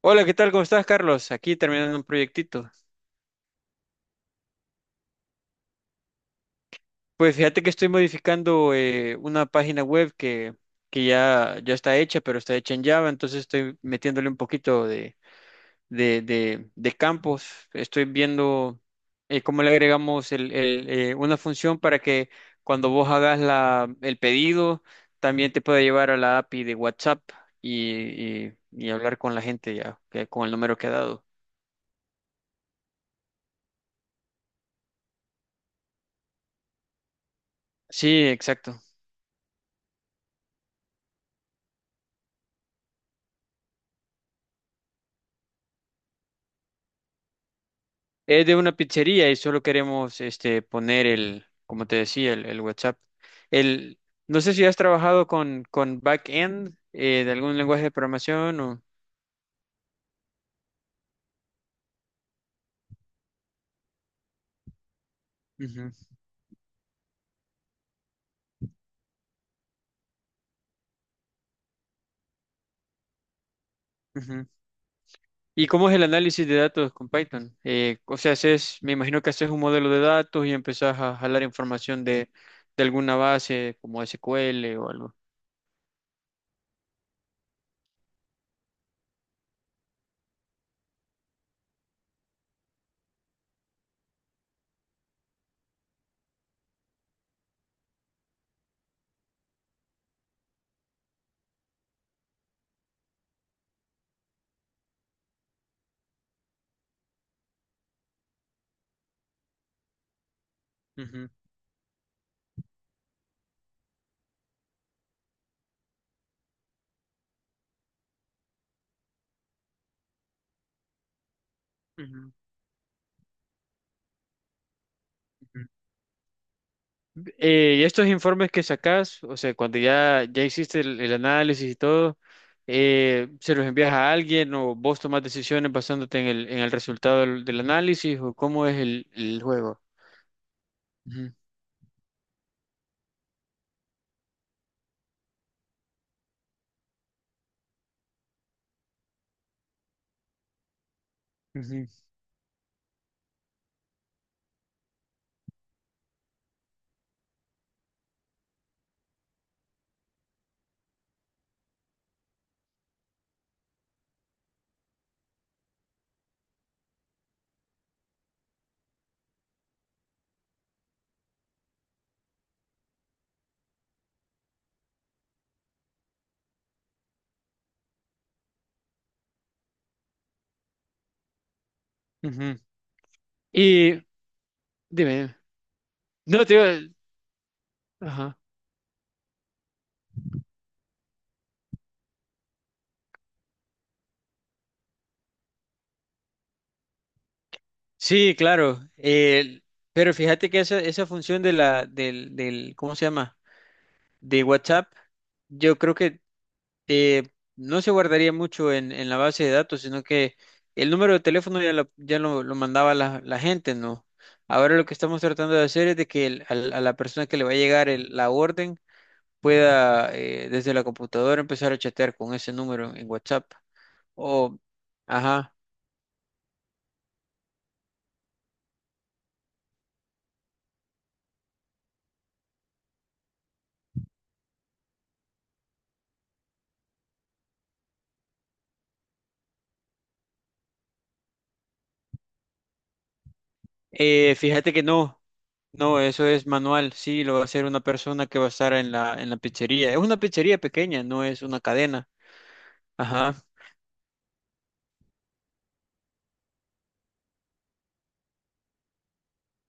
Hola, ¿qué tal? ¿Cómo estás, Carlos? Aquí terminando un proyectito. Pues fíjate que estoy modificando una página web que ya está hecha, pero está hecha en Java, entonces estoy metiéndole un poquito de campos. Estoy viendo cómo le agregamos una función para que cuando vos hagas el pedido, también te pueda llevar a la API de WhatsApp y hablar con la gente ya, con el número que ha dado. Sí, exacto. Es de una pizzería y solo queremos este poner como te decía, el WhatsApp. El, no sé si has trabajado con backend de algún lenguaje de programación o. Ujú, ujú. ¿Y cómo es el análisis de datos con Python? O sea, me imagino que haces un modelo de datos y empezás a jalar información de alguna base como SQL o algo. Ujú, ujú, ujú. Y estos informes que sacas, o sea, cuando ya hiciste el análisis y todo, ¿se los envías a alguien o vos tomás decisiones basándote en en el resultado del análisis o cómo es el juego? Ujú, ujú, ujú. Y dime, no te iba- Ajá. Sí, claro. Pero fíjate que esa función de la, ¿cómo se llama? De WhatsApp, yo creo que eh, no se guardaría mucho en la base de datos, sino que el número de teléfono ya, ya lo mandaba la gente, ¿no? Ahora lo que estamos tratando de hacer es de que a la persona que le va a llegar la orden pueda desde la computadora empezar a chatear con ese número en WhatsApp. O, ajá, fíjate que no. No, eso es manual, sí, lo va a hacer una persona que va a estar en la pizzería. Es una pizzería pequeña, no es una cadena. Ajá,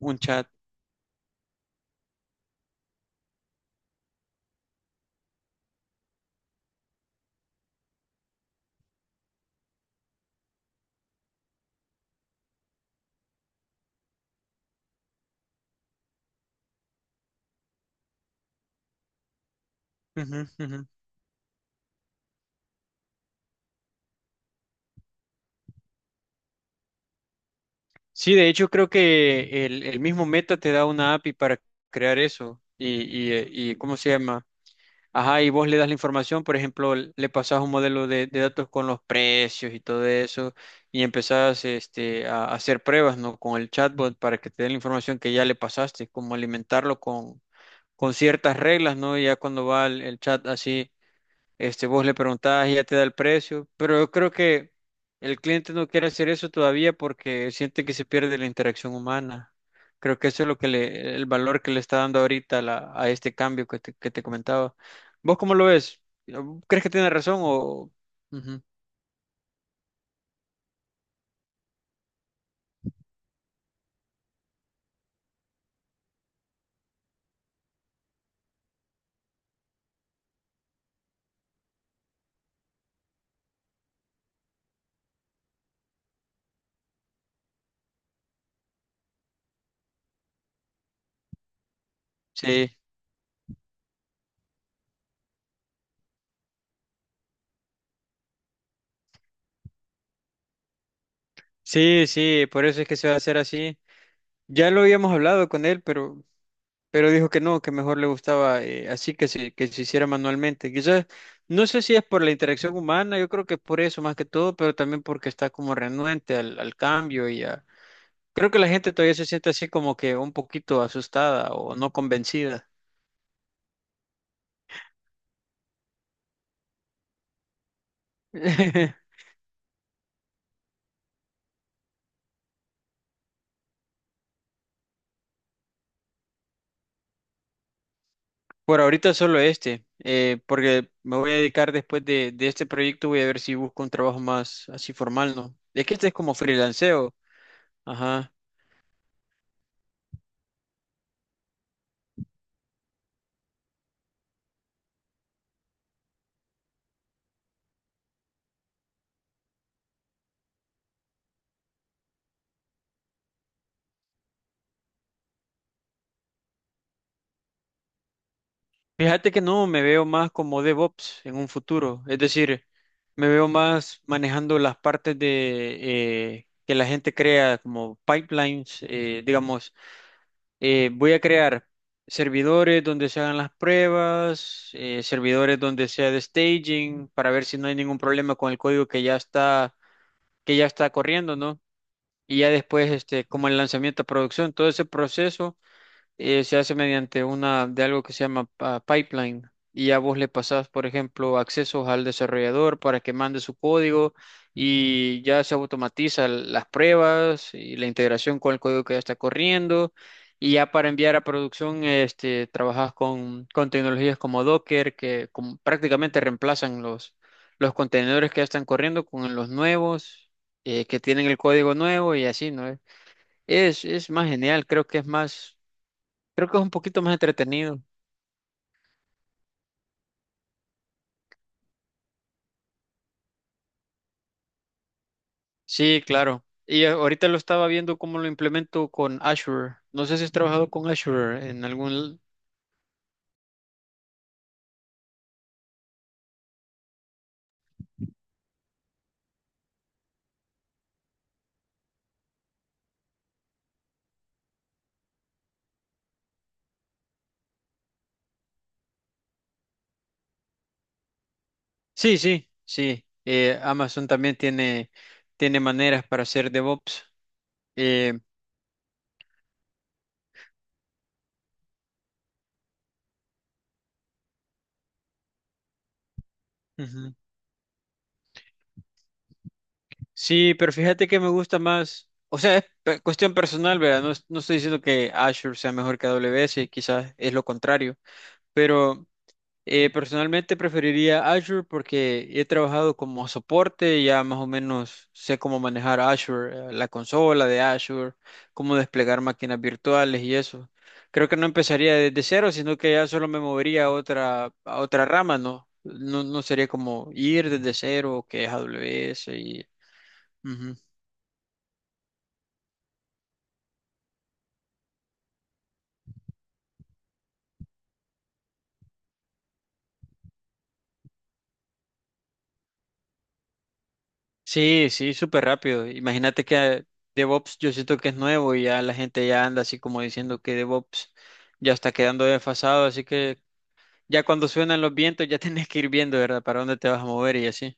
un chat. Ujú, ujú. Sí, de hecho creo que el mismo Meta te da una API para crear eso y ¿cómo se llama? Ajá, y vos le das la información, por ejemplo, le pasás un modelo de datos con los precios y todo eso y empezás este, a hacer pruebas, ¿no? Con el chatbot para que te dé la información que ya le pasaste, como alimentarlo con ciertas reglas, ¿no? Y ya cuando va el chat así este, vos le preguntás y ya te da el precio, pero yo creo que el cliente no quiere hacer eso todavía porque siente que se pierde la interacción humana. Creo que eso es lo que le, el valor que le está dando ahorita a a este cambio que te comentaba. ¿Vos cómo lo ves? ¿Crees que tiene razón o...? Ujú. Sí, sí, sí, por eso es que se va a hacer así. Ya lo habíamos hablado con él, pero dijo que no, que mejor le gustaba así que se hiciera manualmente. Quizás, no sé si es por la interacción humana, yo creo que es por eso más que todo, pero también porque está como renuente al, al cambio y a... Creo que la gente todavía se siente así como que un poquito asustada o no convencida. Por ahorita solo este, porque me voy a dedicar después de este proyecto, voy a ver si busco un trabajo más así formal, ¿no? Es que este es como freelanceo. Ajá. Fíjate que no, me veo más como DevOps en un futuro, es decir, me veo más manejando las partes de que la gente crea como pipelines, digamos, voy a crear servidores donde se hagan las pruebas, servidores donde sea de staging para ver si no hay ningún problema con el código que ya está corriendo, ¿no? Y ya después este como el lanzamiento a producción, todo ese proceso se hace mediante una de algo que se llama pipeline y a vos le pasás, por ejemplo, accesos al desarrollador para que mande su código y ya se automatiza las pruebas y la integración con el código que ya está corriendo y ya para enviar a producción este trabajas con tecnologías como Docker que como prácticamente reemplazan los contenedores que ya están corriendo con los nuevos que tienen el código nuevo y así, ¿no? Es más genial, creo que es más. Creo que es un poquito más entretenido. Sí, claro. Y ahorita lo estaba viendo cómo lo implemento con Azure. No sé si has trabajado con Azure en algún... Sí, sí, sí. Amazon también tiene, tiene maneras para hacer DevOps. Eh, ujú. Sí, pero fíjate que me gusta más. O sea, es cuestión personal, ¿verdad? No, es- no estoy diciendo que Azure sea mejor que AWS, quizás es lo contrario. Pero personalmente preferiría Azure porque he trabajado como soporte, ya más o menos sé cómo manejar Azure, la consola de Azure, cómo desplegar máquinas virtuales y eso. Creo que no empezaría desde cero, sino que ya solo me movería a otra rama, ¿no? No, no sería como ir desde cero, que es AWS y... Ujú. Sí, sí, súper rápido. Imagínate que DevOps yo siento que es nuevo y ya la gente ya anda así como diciendo que DevOps ya está quedando desfasado, así que ya cuando suenan los vientos ya tenés que ir viendo, ¿verdad? Para dónde te vas a mover y así.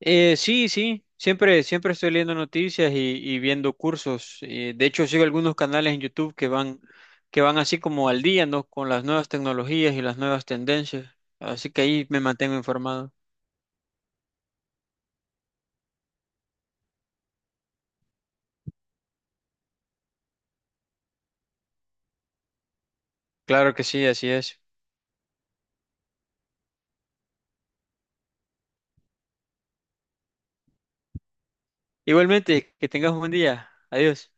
Sí, sí, siempre, siempre estoy leyendo noticias y viendo cursos. De hecho, sigo algunos canales en YouTube que van así como al día, ¿no? Con las nuevas tecnologías y las nuevas tendencias. Así que ahí me mantengo informado. Claro que sí, así es. Igualmente, que tengas un buen día. Adiós.